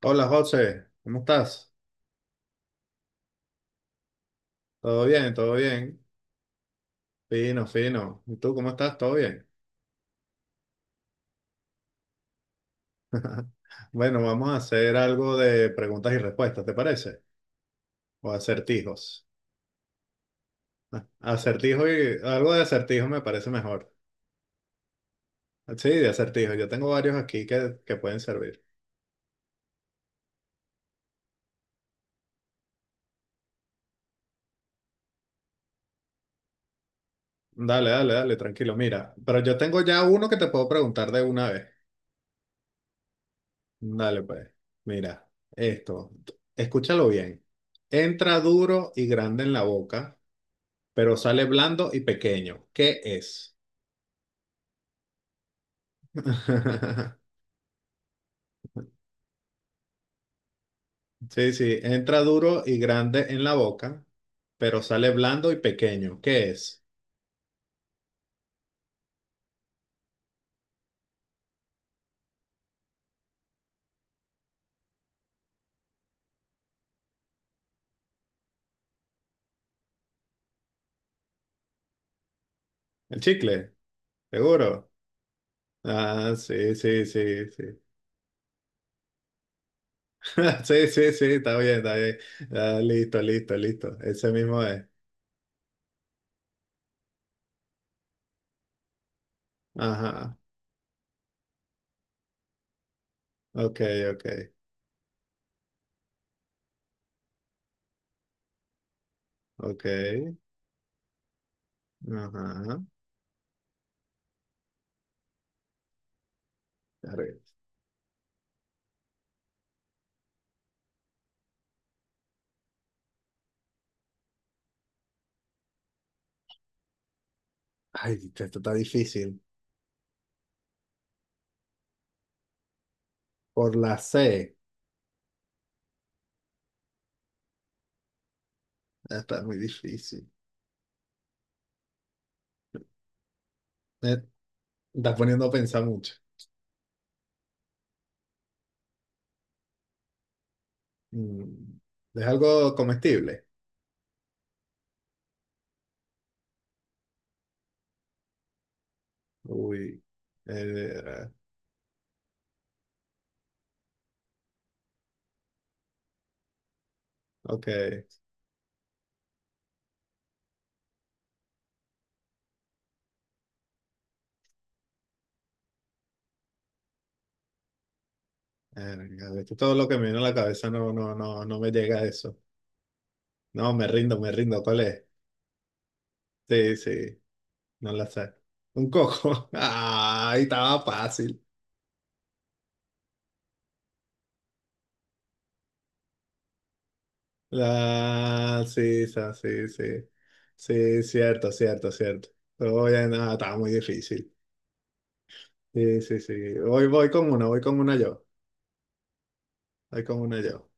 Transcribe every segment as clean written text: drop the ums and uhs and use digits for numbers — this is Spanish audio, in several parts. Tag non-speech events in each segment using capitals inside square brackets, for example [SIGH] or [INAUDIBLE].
Hola José, ¿cómo estás? ¿Todo bien? ¿Todo bien? Fino, fino. ¿Y tú cómo estás? ¿Todo bien? [LAUGHS] Bueno, vamos a hacer algo de preguntas y respuestas, ¿te parece? O acertijos. [LAUGHS] Ah, acertijo y algo de acertijo me parece mejor. Sí, de acertijo. Yo tengo varios aquí que pueden servir. Dale, dale, dale, tranquilo. Mira, pero yo tengo ya uno que te puedo preguntar de una vez. Dale, pues. Mira, esto. Escúchalo bien. Entra duro y grande en la boca, pero sale blando y pequeño. ¿Qué es? [LAUGHS] Sí, sí, entra duro y grande en la boca, pero sale blando y pequeño. ¿Qué es? ¿El chicle? ¿Seguro? Ah, sí, sí, sí, sí. [LAUGHS] Sí, sí, sí, está bien, está bien. Ah, listo, listo, listo. Ese mismo es. Ajá. Ok, ok, ok. Ajá. Arre. Ay, esto está difícil. Por la C. Está muy difícil. Eh, Está poniendo a pensar mucho. Mm, ¿Es algo comestible? Uy. eh, ok. Verga, de hecho, todo lo que me viene a la cabeza no, no, no, no me llega a eso. No, me rindo, me rindo. ¿Cuál es? Sí, sí. No la sé. Un coco. [LAUGHS] Ay, estaba fácil. Sí, sí. Sí, cierto, cierto, cierto. Oye, nada, estaba muy difícil. Sí, sí, sí. Voy con una, voy con una yo. Voy con una yo.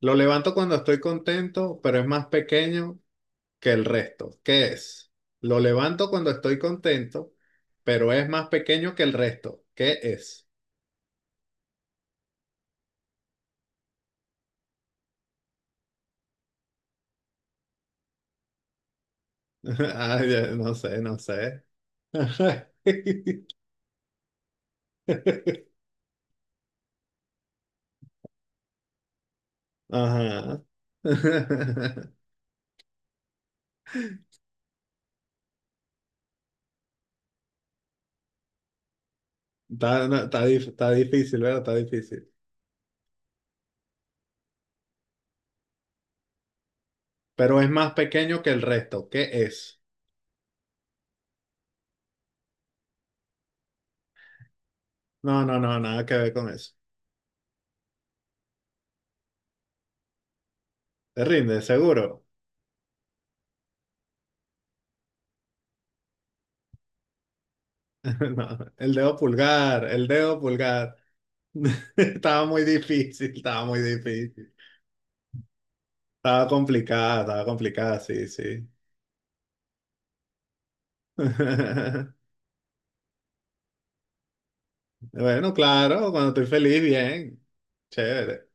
Lo levanto cuando estoy contento, pero es más pequeño que el resto. ¿Qué es? Lo levanto cuando estoy contento, pero es más pequeño que el resto. ¿Qué es? [LAUGHS] Ay, no sé, no sé. [LAUGHS] Ajá. [LAUGHS] Está, no, está dif- Está difícil, ¿verdad? Está difícil. Pero es más pequeño que el resto. ¿Qué es? No, no, no, nada que ver con eso. Te rinde, seguro. [LAUGHS] No, el dedo pulgar, el dedo pulgar. [LAUGHS] Estaba muy difícil, estaba muy difícil. Estaba complicada, sí, sí. [LAUGHS] Bueno, claro, cuando estoy feliz, bien. Chévere.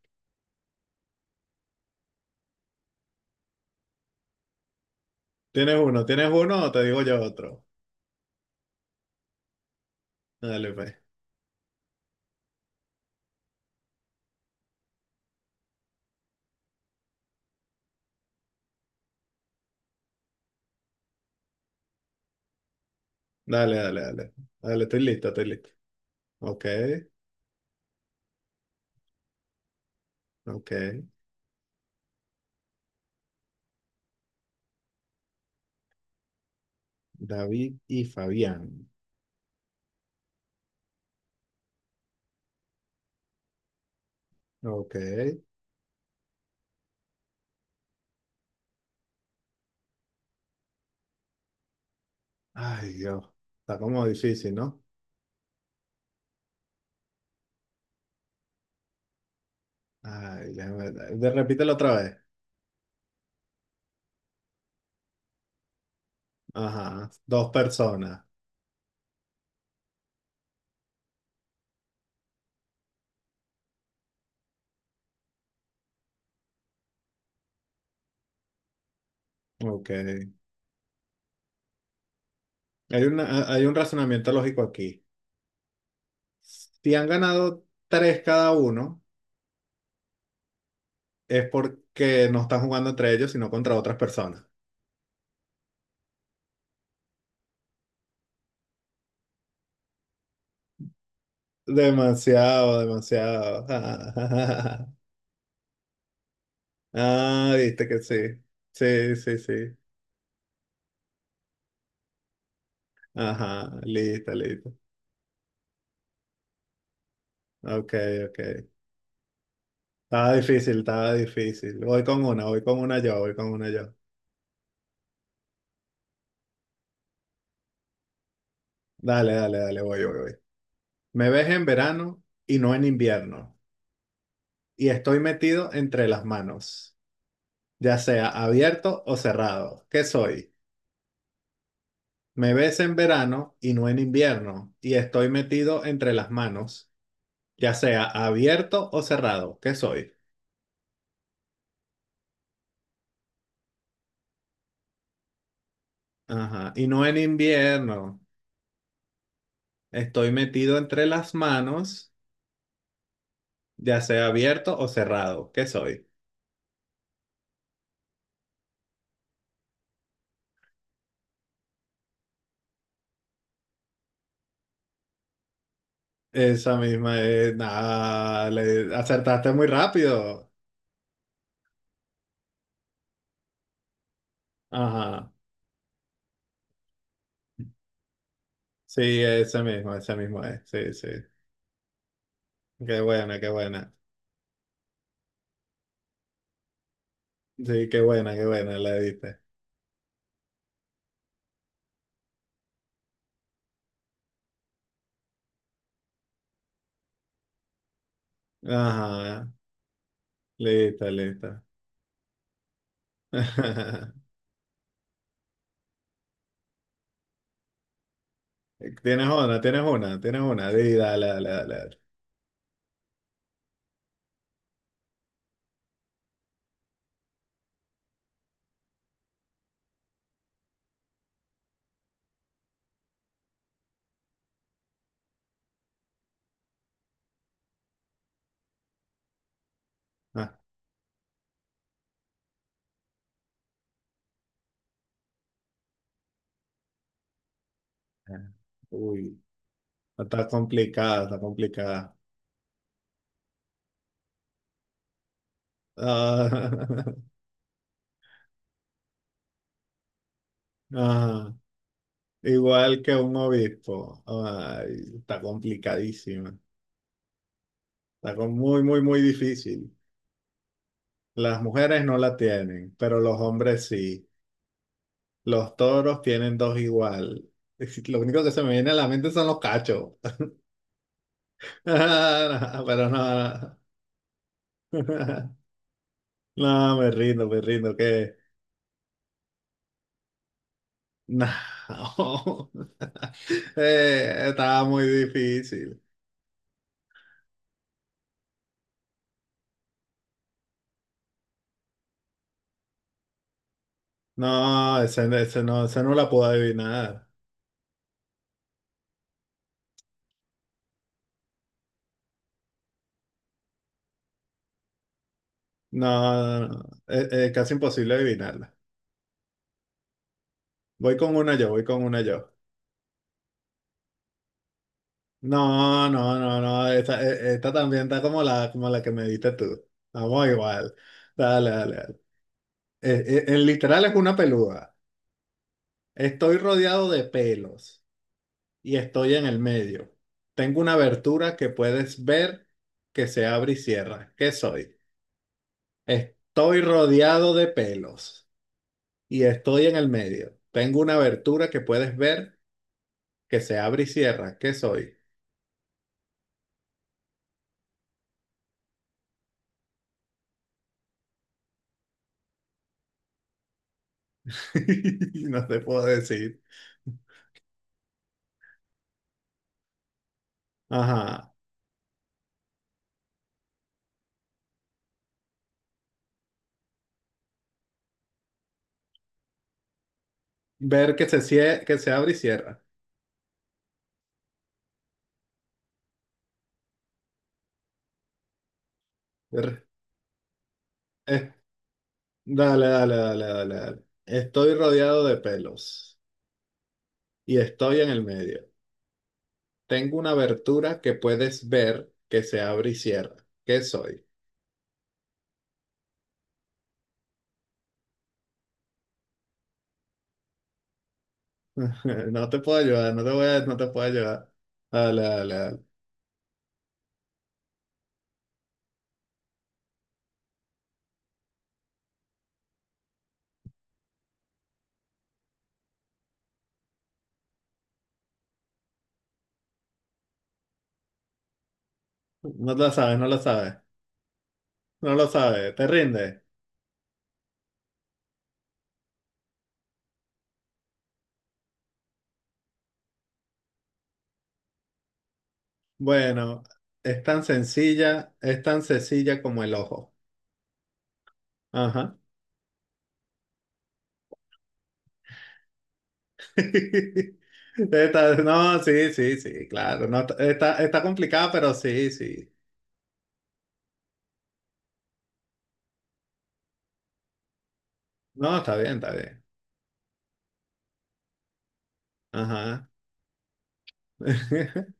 ¿Tienes uno? ¿Tienes uno o te digo yo otro? Dale, pues. Dale, dale, dale. Dale, estoy listo, estoy listo. Ok, ok. David y Fabián. Ok. Ay, Dios. Está como difícil, ¿no? Ay, repítelo otra vez. Ajá. Dos personas. Ok. Hay un razonamiento lógico aquí. Si han ganado tres cada uno, es porque no están jugando entre ellos, sino contra otras personas. Demasiado, demasiado. Ah, [LAUGHS] ah, viste que sí. Sí, sí, sí. Ajá, listo, listo. Ok, ok. Estaba difícil, estaba difícil. Voy con una yo, voy con una yo. Dale, dale, dale, voy, voy, voy. Me ves en verano y no en invierno. Y estoy metido entre las manos, ya sea abierto o cerrado. ¿Qué soy? Me ves en verano y no en invierno, y estoy metido entre las manos, ya sea abierto o cerrado, ¿qué soy? Ajá, y no en invierno, estoy metido entre las manos, ya sea abierto o cerrado, ¿qué soy? Esa misma es, nada, le acertaste muy rápido. Ajá, sí, ese mismo es, sí, sí. Qué buena, qué buena. Sí, qué buena, la diste. Ajá, listo, listo. [LAUGHS] Tienes una, tienes una, tienes una. Sí, dale, dale, dale. Dale. Ah, uy, no está complicada, está complicada. Ah, [LAUGHS] ajá. Igual que un obispo. Ay, está complicadísima. Muy, muy, muy difícil. Las mujeres no la tienen, pero los hombres sí. Los toros tienen dos igual. [LAUGHS] Lo único que se me viene a la mente son los cachos. [LAUGHS] Pero no. No. [LAUGHS] No, me rindo, que... No. [LAUGHS] Estaba muy difícil. No, ese no, ese no la puedo adivinar. No, no, no. Casi imposible adivinarla. Voy con una yo, voy con una yo. No, no, no, no, esta también está como la que me diste tú. Vamos igual. Dale, dale, dale. Literal es una peluda. Estoy rodeado de pelos y estoy en el medio. Tengo una abertura que puedes ver que se abre y cierra. ¿Qué soy? Estoy rodeado de pelos y estoy en el medio. Tengo una abertura que puedes ver que se abre y cierra. ¿Qué soy? [LAUGHS] No te puedo decir. Ajá. Ver que se abre y cierra. Ver- eh, Dale, dale, dale, dale, dale. Estoy rodeado de pelos y estoy en el medio. Tengo una abertura que puedes ver que se abre y cierra. ¿Qué soy? [LAUGHS] No te puedo ayudar, no te puedo ayudar. Dale, dale, dale. No lo sabes, no lo sabes. No lo sabes, te rinde. Bueno, es tan sencilla como el ojo. Ajá. [LAUGHS] No, sí, sí, sí, claro. No, está complicada, pero sí, sí. No, está bien, está bien. Ajá. [LAUGHS]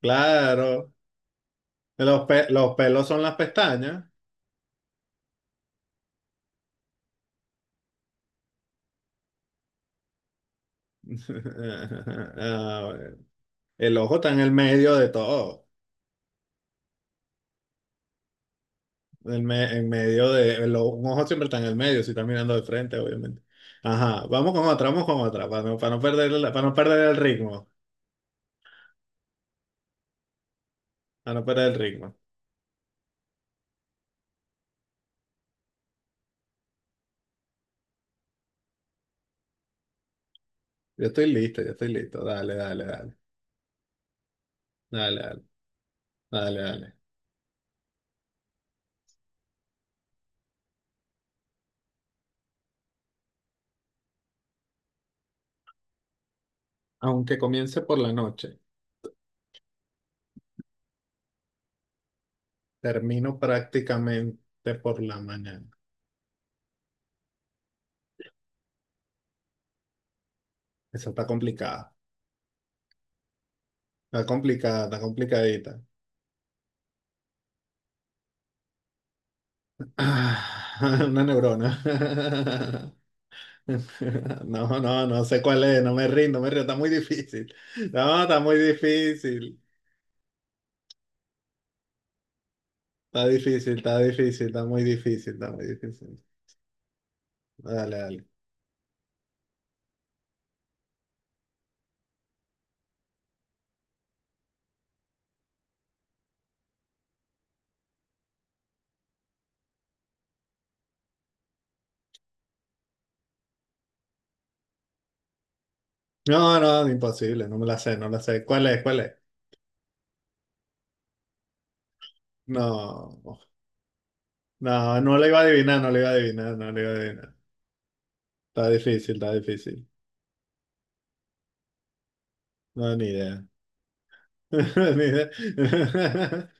Claro. Los pelos son las pestañas. [LAUGHS] Ah, el ojo está en el medio de todo. El me- en medio de, el o- Un ojo siempre está en el medio, si está mirando de frente, obviamente. Ajá, vamos con otra, para no para no perder el ritmo. Para no perder el ritmo. Yo estoy listo, yo estoy listo. Dale, dale, dale. Dale, dale, dale, dale. Aunque comience por la noche, termino prácticamente por la mañana. Esa está complicada. Está complicada, está complicadita. Ah, [LAUGHS] una neurona. [LAUGHS] No, no, no sé cuál es, no me rindo, no me rindo, está muy difícil. No, está muy difícil. Está difícil, está difícil, está muy difícil, está muy difícil. Dale, dale. No, no, imposible, no me la sé, no la sé. ¿Cuál es? ¿Cuál es? No, no, no la iba a adivinar, no la iba a adivinar, no la iba a adivinar. Está difícil, está difícil. No, ni idea. [LAUGHS] Ni idea. [LAUGHS]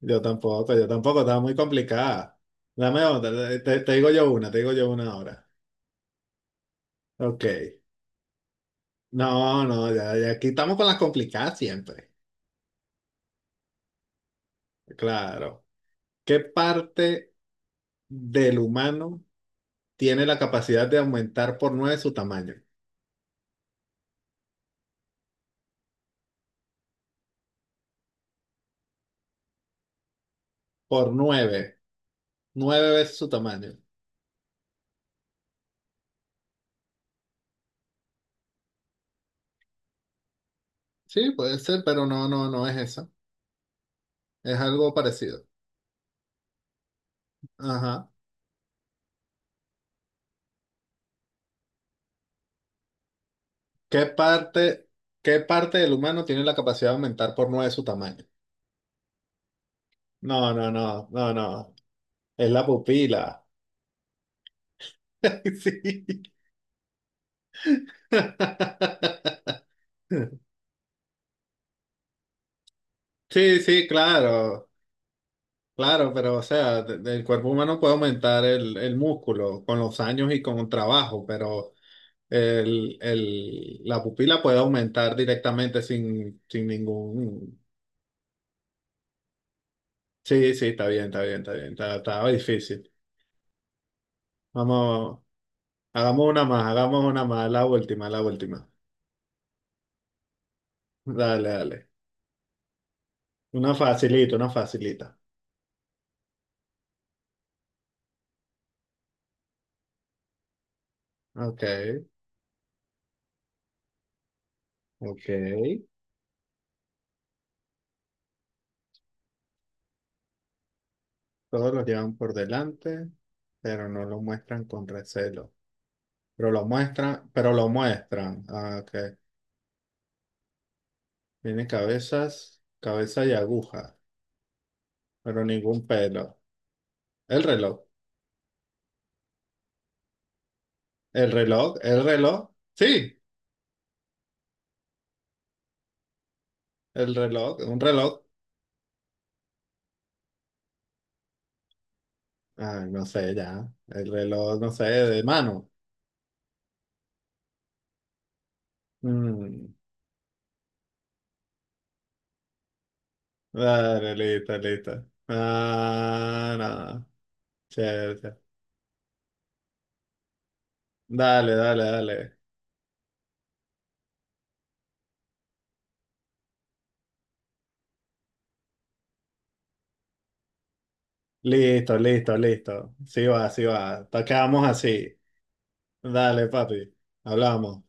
Yo tampoco, estaba muy complicada. Dame otra, te digo yo una, te digo yo una ahora. Ok. No, no, ya, ya aquí estamos con las complicadas siempre. Claro. ¿Qué parte del humano tiene la capacidad de aumentar por nueve su tamaño? Por nueve, nueve veces su tamaño. Sí, puede ser, pero no, no, no es eso. Es algo parecido. Ajá. ¿Qué parte, ¿Qué parte del humano tiene la capacidad de aumentar por nueve su tamaño? No, no, no, no, no. Es la pupila. [LAUGHS] Sí. [LAUGHS] Sí, sí, claro, claro, pero o sea, el cuerpo humano puede aumentar el músculo con los años y con el trabajo, pero la pupila puede aumentar directamente sin ningún... Sí, sí, está bien, está bien, está bien, estaba difícil. Vamos, hagamos una más, la última, la última. Dale, dale. Una facilita, una facilita. Ok, ok. Todos los llevan por delante, pero no lo muestran con recelo. Pero lo muestran, pero lo muestran. Ah, ok. Tiene cabeza y aguja, pero ningún pelo. El reloj, el reloj, el reloj. Sí, el reloj, un reloj. Ay, no sé ya. El reloj, no sé, de mano. Mm. Dale, listo, listo. Ah, nada. No. Chévere. Dale, dale, dale. Listo, listo, listo. Sí va, sí va. Tocamos así. Dale, papi. Hablamos.